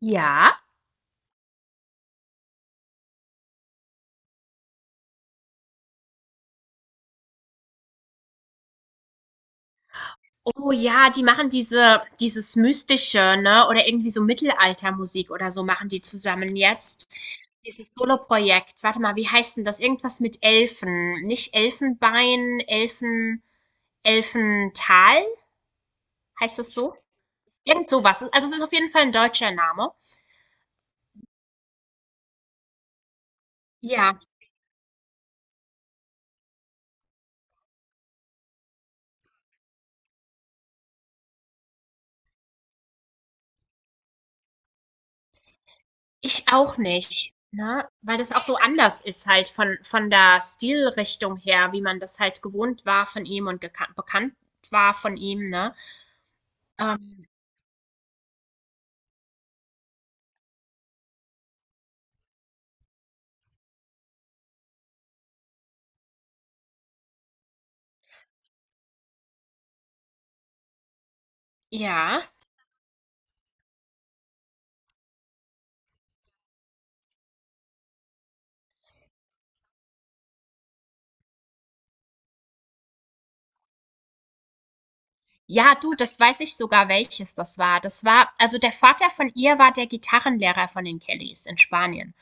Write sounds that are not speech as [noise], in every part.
Ja? Oh ja, die machen diese, dieses Mystische, ne? Oder irgendwie so Mittelaltermusik oder so machen die zusammen jetzt. Dieses Soloprojekt. Warte mal, wie heißt denn das? Irgendwas mit Elfen. Nicht Elfenbein, Elfen, Elfental? Heißt das so? Irgend sowas. Also es ist auf jeden Fall ein deutscher Name. Ja, ich auch nicht. Ne? Weil das auch so anders ist halt von der Stilrichtung her, wie man das halt gewohnt war von ihm und bekannt war von ihm, ne? Ähm, Ja. Ja, du, das weiß ich sogar, welches das war. Das war also der Vater von ihr war der Gitarrenlehrer von den Kellys in Spanien.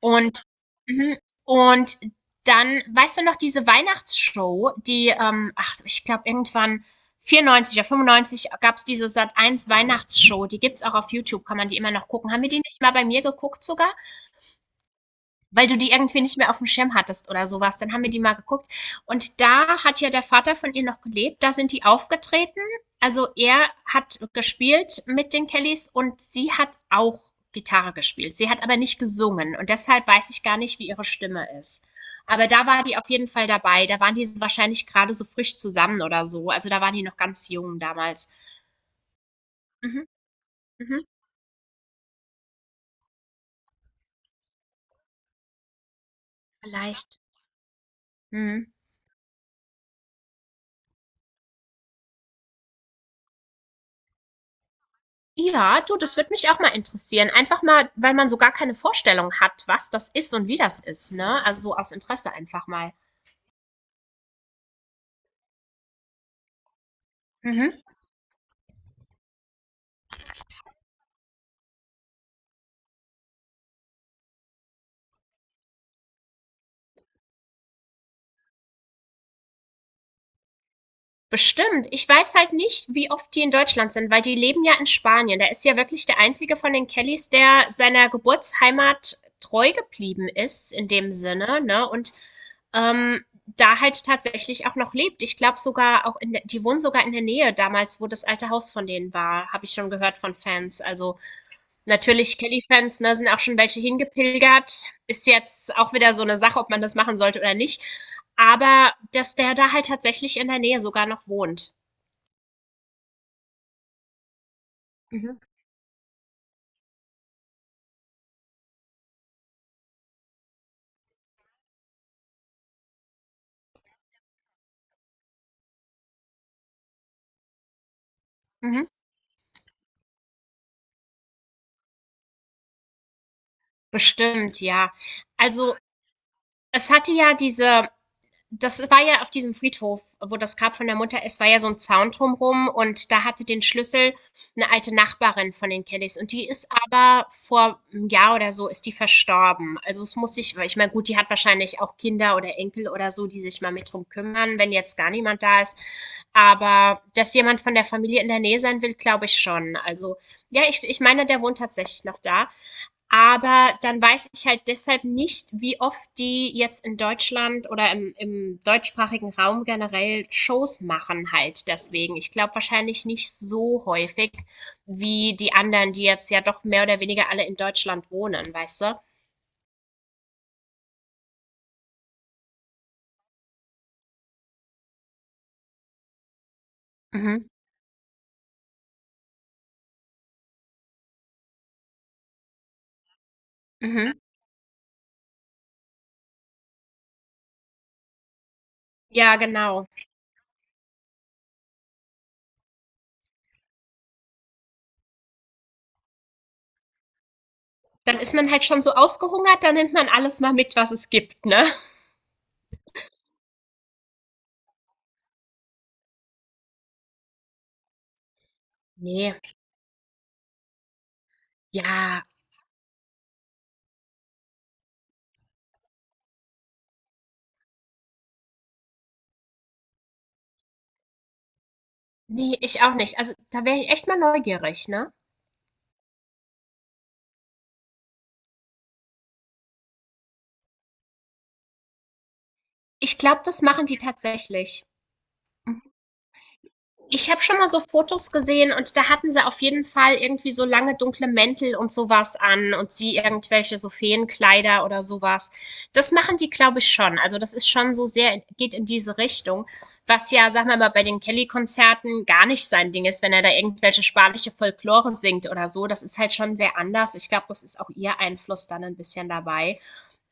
Und mhm, und dann, weißt du noch, diese Weihnachtsshow, die, ach, ich glaube, irgendwann 94 oder 95 gab's diese Sat 1 Weihnachtsshow. Die gibt's auch auf YouTube, kann man die immer noch gucken. Haben wir die nicht mal bei mir geguckt sogar? Weil du die irgendwie nicht mehr auf dem Schirm hattest oder sowas. Dann haben wir die mal geguckt. Und da hat ja der Vater von ihr noch gelebt. Da sind die aufgetreten. Also er hat gespielt mit den Kellys und sie hat auch Gitarre gespielt. Sie hat aber nicht gesungen. Und deshalb weiß ich gar nicht, wie ihre Stimme ist. Aber da war die auf jeden Fall dabei. Da waren die wahrscheinlich gerade so frisch zusammen oder so. Also da waren die noch ganz jung damals. Mhm, mhm. Vielleicht. Mhm. Ja, du, das würde mich auch mal interessieren. Einfach mal, weil man so gar keine Vorstellung hat, was das ist und wie das ist, ne? Also so aus Interesse einfach mal. Mhm. Bestimmt. Ich weiß halt nicht, wie oft die in Deutschland sind, weil die leben ja in Spanien. Der ist ja wirklich der einzige von den Kellys, der seiner Geburtsheimat treu geblieben ist, in dem Sinne, ne? Und ähm, da halt tatsächlich auch noch lebt. Ich glaube sogar auch in der, die wohnen sogar in der Nähe damals, wo das alte Haus von denen war, habe ich schon gehört von Fans. Also natürlich, Kelly-Fans, ne, sind auch schon welche hingepilgert. Ist jetzt auch wieder so eine Sache, ob man das machen sollte oder nicht. Aber dass der da halt tatsächlich in der Nähe sogar noch wohnt. Mhm. Mhm. Bestimmt, ja. Also, es hatte ja diese das war ja auf diesem Friedhof, wo das Grab von der Mutter ist, war ja so ein Zaun drumrum und da hatte den Schlüssel eine alte Nachbarin von den Kellys und die ist aber vor einem Jahr oder so ist die verstorben. Also es muss sich, weil ich meine, gut, die hat wahrscheinlich auch Kinder oder Enkel oder so, die sich mal mit drum kümmern, wenn jetzt gar niemand da ist. Aber dass jemand von der Familie in der Nähe sein will, glaube ich schon. Also ja, ich meine, der wohnt tatsächlich noch da. Aber dann weiß ich halt deshalb nicht, wie oft die jetzt in Deutschland oder im deutschsprachigen Raum generell Shows machen halt deswegen. Ich glaube wahrscheinlich nicht so häufig wie die anderen, die jetzt ja doch mehr oder weniger alle in Deutschland wohnen, weißt du? Mhm. Mhm. Ja, genau. Dann ist man halt schon so ausgehungert, dann nimmt man alles mal mit, was es gibt, ne? Nee, ja, nee, ich auch nicht. Also da wäre ich echt mal neugierig, ne? Ich glaube, das machen die tatsächlich. Ich habe schon mal so Fotos gesehen und da hatten sie auf jeden Fall irgendwie so lange dunkle Mäntel und sowas an und sie irgendwelche so Feenkleider oder sowas. Das machen die, glaube ich, schon. Also das ist schon so sehr geht in diese Richtung, was ja, sag wir mal, bei den Kelly-Konzerten gar nicht sein Ding ist, wenn er da irgendwelche spanische Folklore singt oder so. Das ist halt schon sehr anders. Ich glaube, das ist auch ihr Einfluss dann ein bisschen dabei.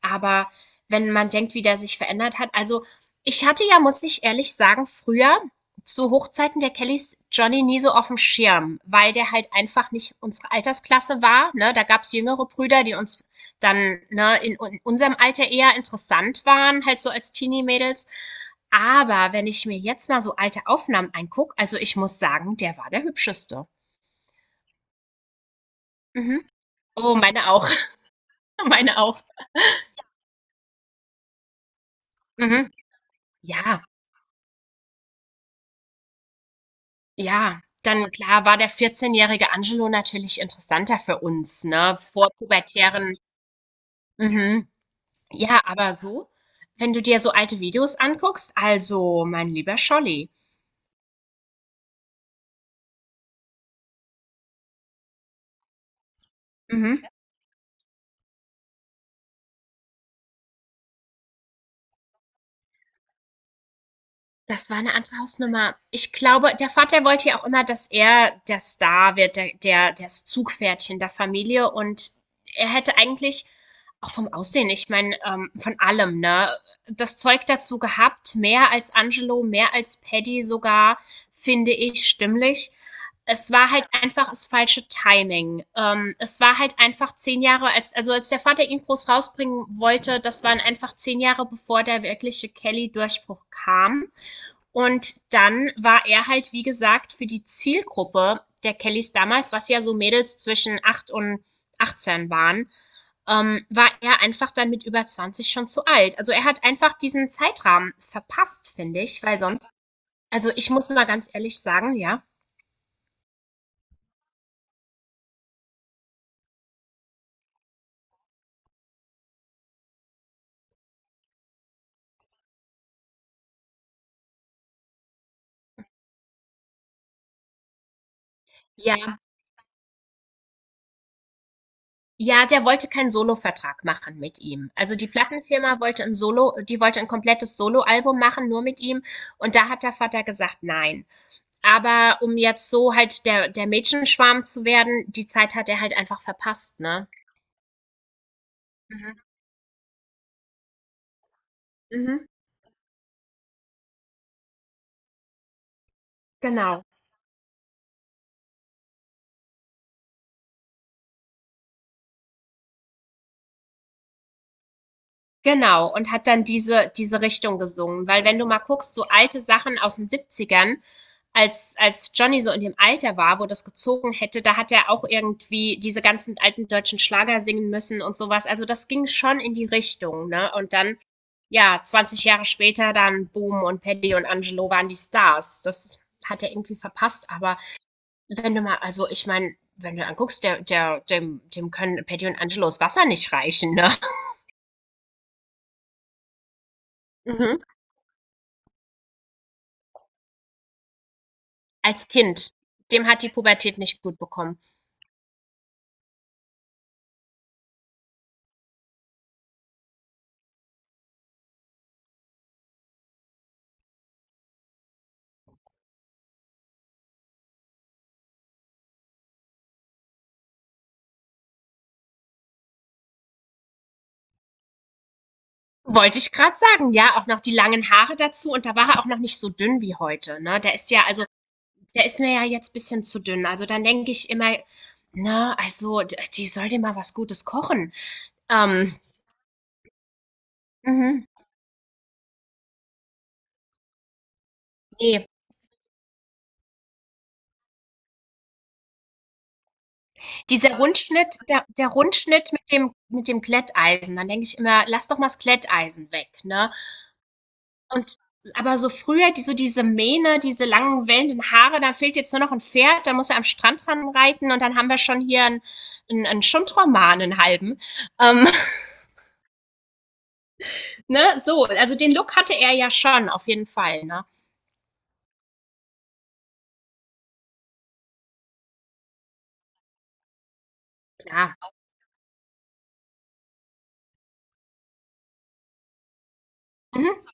Aber wenn man denkt, wie der sich verändert hat, also ich hatte ja, muss ich ehrlich sagen, früher zu Hochzeiten der Kellys Johnny nie so auf dem Schirm, weil der halt einfach nicht unsere Altersklasse war. Ne? Da gab's jüngere Brüder, die uns dann ne, in unserem Alter eher interessant waren, halt so als Teenie-Mädels. Aber wenn ich mir jetzt mal so alte Aufnahmen anguck, also ich muss sagen, der war der hübscheste. Mhm. Oh, meine auch. [laughs] Meine auch. Mhm. Ja. Ja, dann klar war der vierzehnjährige Angelo natürlich interessanter für uns, ne, vor pubertären mhm. Ja, aber so, wenn du dir so alte Videos anguckst, also, mein lieber Scholli. Mhm. Das war eine andere Hausnummer. Ich glaube, der Vater wollte ja auch immer, dass er der Star wird, der das Zugpferdchen der Familie und er hätte eigentlich auch vom Aussehen ich meine, von allem, ne, das Zeug dazu gehabt, mehr als Angelo, mehr als Paddy sogar, finde ich, stimmlich. Es war halt einfach das falsche Timing. Es war halt einfach 10 Jahre als der Vater ihn groß rausbringen wollte, das waren einfach 10 Jahre, bevor der wirkliche Kelly-Durchbruch kam. Und dann war er halt, wie gesagt, für die Zielgruppe der Kellys damals, was ja so Mädels zwischen 8 und 18 waren, war er einfach dann mit über 20 schon zu alt. Also er hat einfach diesen Zeitrahmen verpasst, finde ich, weil sonst, also ich muss mal ganz ehrlich sagen, ja, ja, ja, der wollte keinen Solo-Vertrag machen mit ihm. Also die Plattenfirma wollte ein Solo, die wollte ein komplettes Solo-Album machen, nur mit ihm. Und da hat der Vater gesagt, nein. Aber um jetzt so halt der Mädchenschwarm zu werden, die Zeit hat er halt einfach verpasst, ne? Mhm. Mhm. Genau. Genau. Und hat dann diese Richtung gesungen. Weil wenn du mal guckst, so alte Sachen aus den Siebzigern, als Johnny so in dem Alter war, wo das gezogen hätte, da hat er auch irgendwie diese ganzen alten deutschen Schlager singen müssen und sowas. Also das ging schon in die Richtung, ne? Und dann, ja, 20 Jahre später dann Boom und Paddy und Angelo waren die Stars. Das hat er irgendwie verpasst, aber wenn du mal also, ich meine, wenn du anguckst, der der dem dem können Patty und Angelos Wasser nicht reichen, ne? Mhm. Als Kind. Dem hat die Pubertät nicht gut bekommen. Wollte ich gerade sagen, ja, auch noch die langen Haare dazu und da war er auch noch nicht so dünn wie heute, ne? Der ist ja also, der ist mir ja jetzt ein bisschen zu dünn. Also, dann denke ich immer, ne, also, d die soll dir mal was Gutes kochen. Ähm, mhm, ne. Dieser Rundschnitt der Rundschnitt mit dem Glätteisen, dann denke ich immer: „Lass doch mal das Glätteisen weg“, ne? Und aber so früher, die, so diese Mähne, diese langen wellenden Haare, da fehlt jetzt nur noch ein Pferd, da muss er am Strand dran reiten und dann haben wir schon hier einen Schundroman, einen halben. Ähm, [laughs] ne? So, also den Look hatte er ja schon, auf jeden Fall. Ne? Klar. Mhm.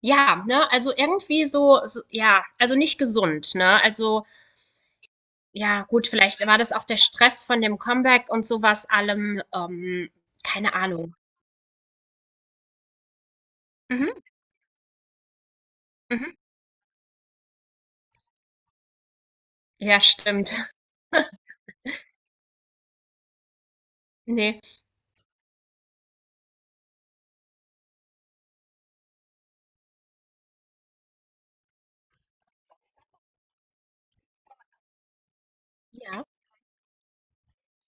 Ja, ne? Also irgendwie so, ja, also nicht gesund. Ne? Also, ja, gut, vielleicht war das auch der Stress von dem Comeback und sowas allem. Keine Ahnung. Mhm. Mhm. Ja, stimmt. [laughs] Nee. Ja.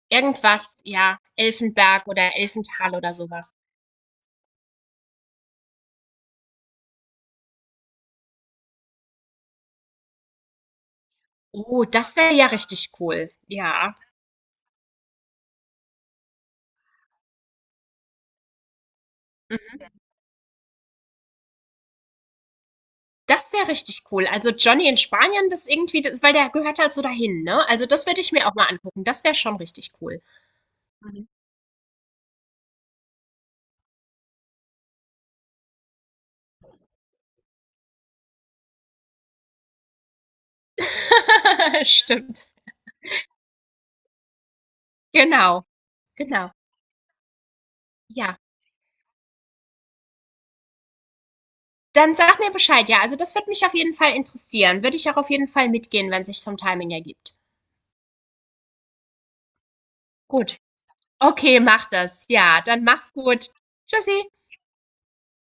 Irgendwas, ja, Elfenberg oder Elfental oder sowas. Oh, das wäre ja richtig cool. Ja, mhm. Das wäre richtig cool. Also Johnny in Spanien, das irgendwie, das, weil der gehört halt so dahin, ne? Also das würde ich mir auch mal angucken. Das wäre schon richtig cool. Mhm. [laughs] Stimmt. Genau, genau. Ja. Dann sag mir Bescheid, ja. Also das würde mich auf jeden Fall interessieren. Würde ich auch auf jeden Fall mitgehen, wenn sich vom Timing ergibt. Gut. Okay, mach das. Ja, dann mach's gut. Tschüssi.